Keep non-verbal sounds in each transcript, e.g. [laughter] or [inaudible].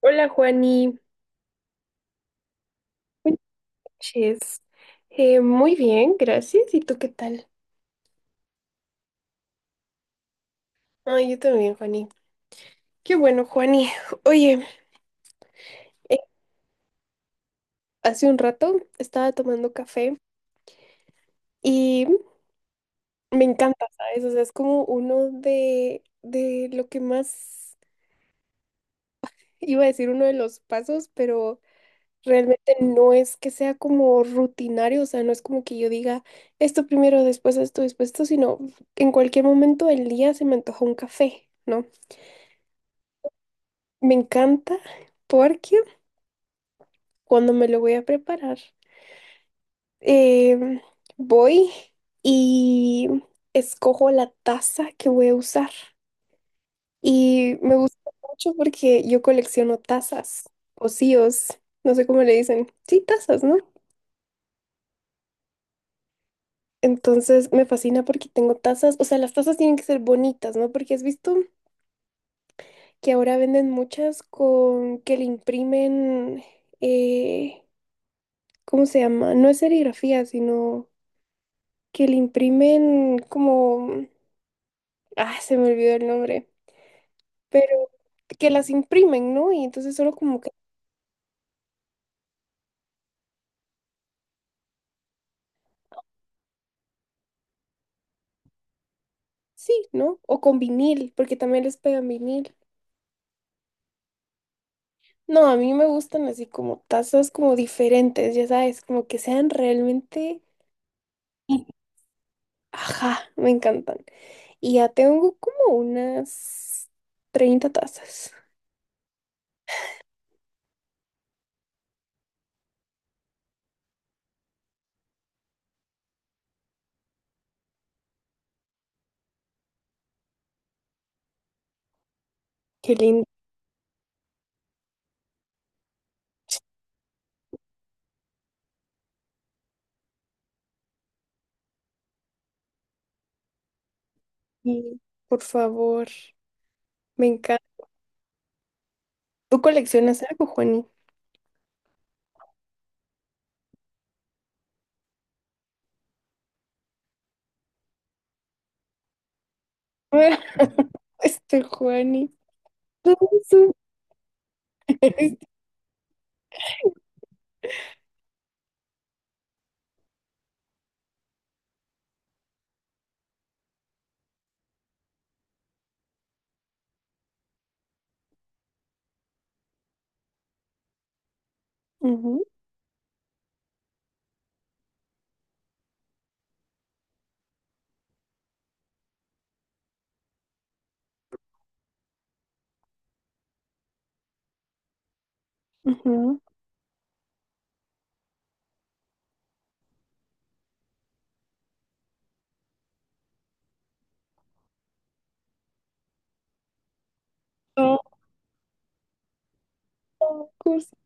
Hola, Juani. Buenas noches. Muy bien, gracias. ¿Y tú qué tal? Ay, yo también, Juani. Qué bueno, Juani. [laughs] Oye, eh, hace un rato estaba tomando café y me encanta, ¿sabes? O sea, es como uno de lo que más, iba a decir uno de los pasos, pero realmente no es que sea como rutinario, o sea, no es como que yo diga esto primero, después esto, sino en cualquier momento del día se me antoja un café, ¿no? Me encanta porque cuando me lo voy a preparar, em, voy y escojo la taza que voy a usar. Y me gusta mucho porque yo colecciono tazas, pocillos, no sé cómo le dicen. Sí, tazas, ¿no? Entonces me fascina porque tengo tazas, o sea, las tazas tienen que ser bonitas, ¿no? Porque has visto que ahora venden muchas con que le imprimen, eh, ¿cómo se llama? No es serigrafía, sino... que le imprimen como, ah, se me olvidó el nombre, pero que las imprimen, ¿no? Y entonces solo como que sí, ¿no? O con vinil, porque también les pegan vinil. No, a mí me gustan así como tazas como diferentes, ya sabes, como que sean realmente, sí, ajá, me encantan. Y ya tengo como unas 30 tazas. Qué lindo. Sí, por favor, me encanta. ¿Tú coleccionas algo, Juani? [laughs] Este Juani. No, [laughs] ujú, ujú. No, curso.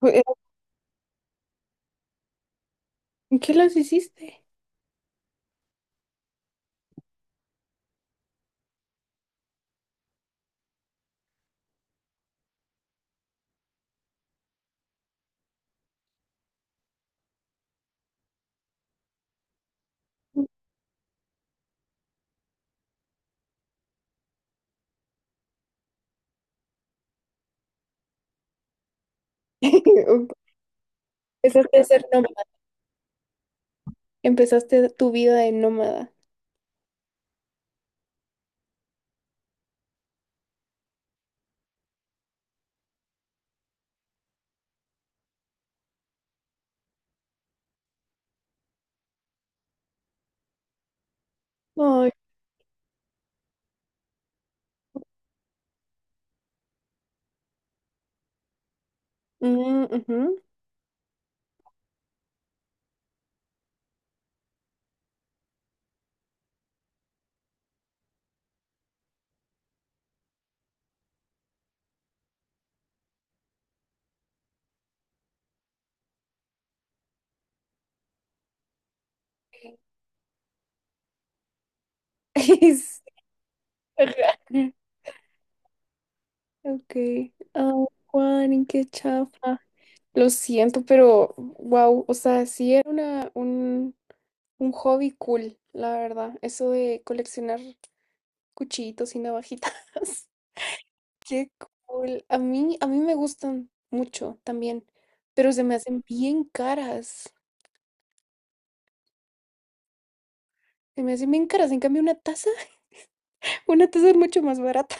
Fue- ¿En qué las hiciste? [laughs] Empezaste a ser nómada, empezaste tu vida de nómada. Ay, mm, ujú. [laughs] Es raro. Ok. Ah, Juan, qué chafa. Lo siento, pero wow, o sea, sí era un hobby cool, la verdad. Eso de coleccionar cuchillitos y navajitas. [laughs] Qué cool. A mí me gustan mucho también, pero se me hacen bien caras. Se me hacen bien caras. En cambio, una taza, [laughs] una taza es mucho más barata.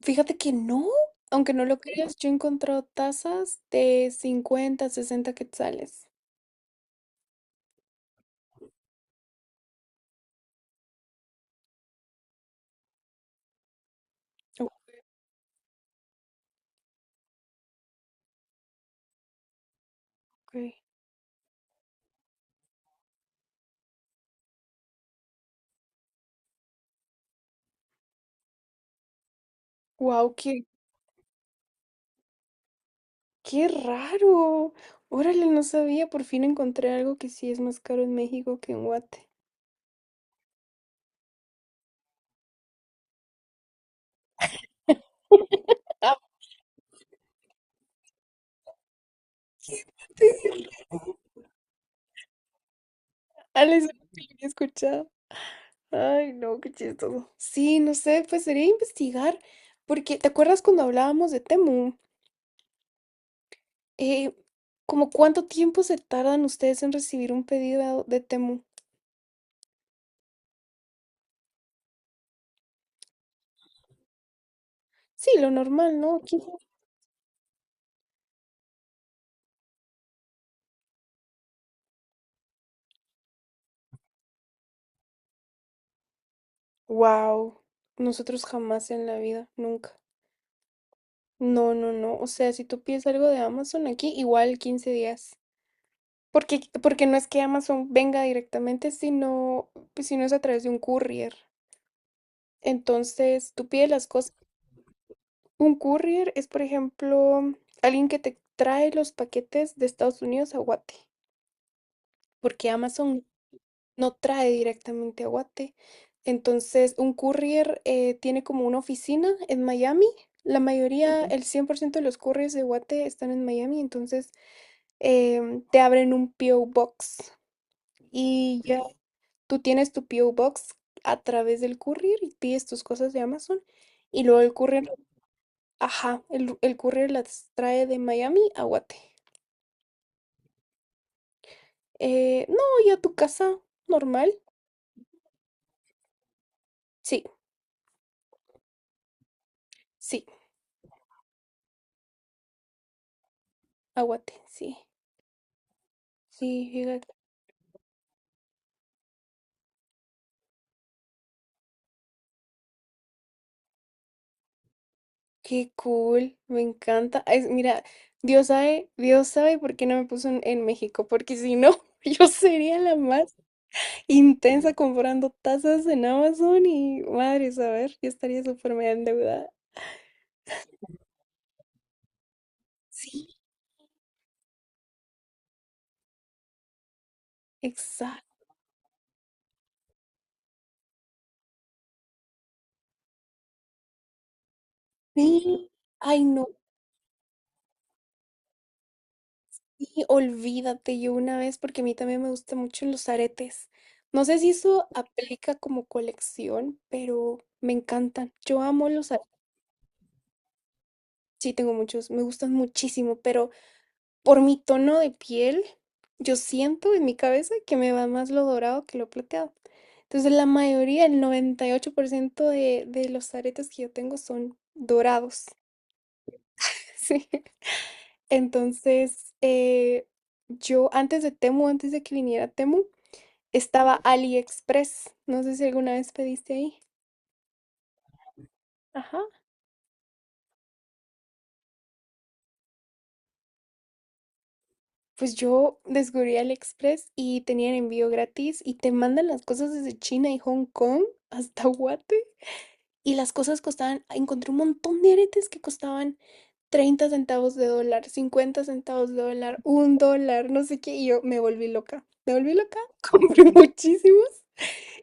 Fíjate que no, aunque no lo creas, yo he encontrado tazas de 50, 60 quetzales. Ok. Wow, qué raro. Órale, no sabía. Por fin encontré algo que sí es más caro en México que en Guate. Ah, [laughs] sí. Ale, eso nunca lo había escuchado. Ay, no, qué chistoso. Sí, no sé, pues sería investigar, porque ¿te acuerdas cuando hablábamos de Temu? Eh, ¿Como cuánto tiempo se tardan ustedes en recibir un pedido de Temu? Sí, lo normal, ¿no? Wow, nosotros jamás en la vida, nunca. No, no, no. O sea, si tú pides algo de Amazon aquí, igual 15 días. Porque no es que Amazon venga directamente, sino, pues, sino es a través de un courier. Entonces, tú pides las cosas. Un courier es, por ejemplo, alguien que te trae los paquetes de Estados Unidos a Guate, porque Amazon no trae directamente a Guate. Entonces, un courier tiene como una oficina en Miami. La mayoría, ujú, el 100% de los couriers de Guate están en Miami, entonces te abren un PO Box y ya. Tú tienes tu P.O. Box a través del courier y pides tus cosas de Amazon y luego el courier, ajá, el courier las trae de Miami a Guate. No, y a tu casa normal. Sí, sí, a sí. Sí, fíjate. Qué cool, me encanta. Es, mira, Dios sabe por qué no me puso en México, porque si no, [laughs] yo sería la más intensa comprando tazas en Amazon y madre, saber, yo estaría súper mega endeudada. Sí, exacto. Sí, ay no, sí, olvídate, yo una vez, porque a mí también me gustan mucho los aretes. No sé si eso aplica como colección, pero me encantan. Yo amo los aretes. Sí, tengo muchos, me gustan muchísimo, pero por mi tono de piel, yo siento en mi cabeza que me va más lo dorado que lo plateado. Entonces, la mayoría, el 98% de los aretes que yo tengo son dorados. [laughs] Sí. Entonces, yo antes de Temu, antes de que viniera Temu, estaba AliExpress. No sé si alguna vez pediste ahí. Ajá. Pues yo descubrí AliExpress y tenían envío gratis y te mandan las cosas desde China y Hong Kong hasta Guate. Y las cosas costaban, encontré un montón de aretes que costaban $0.30, $0.50, $1, no sé qué. Y yo me volví loca. Me volví loca, [laughs] compré muchísimos.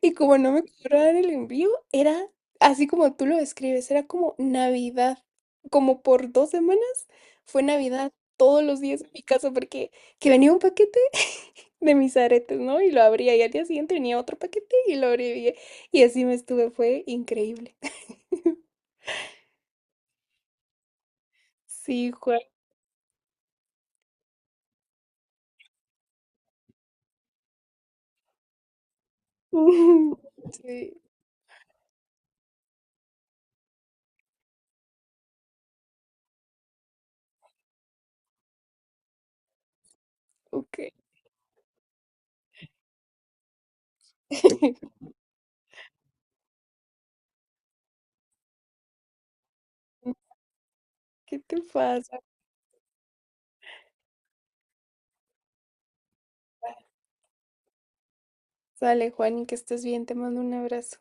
Y como no me cobraban el envío, era así como tú lo describes, era como Navidad. Como por 2 semanas fue Navidad todos los días en mi casa porque que venía un paquete [laughs] de mis aretes, ¿no? Y lo abría y al día siguiente venía otro paquete y lo abría y así me estuve, fue increíble. Sí, Juan. [laughs] Sí, ok. [laughs] ¿Qué te pasa? Sale, Juan, y que estés bien, te mando un abrazo.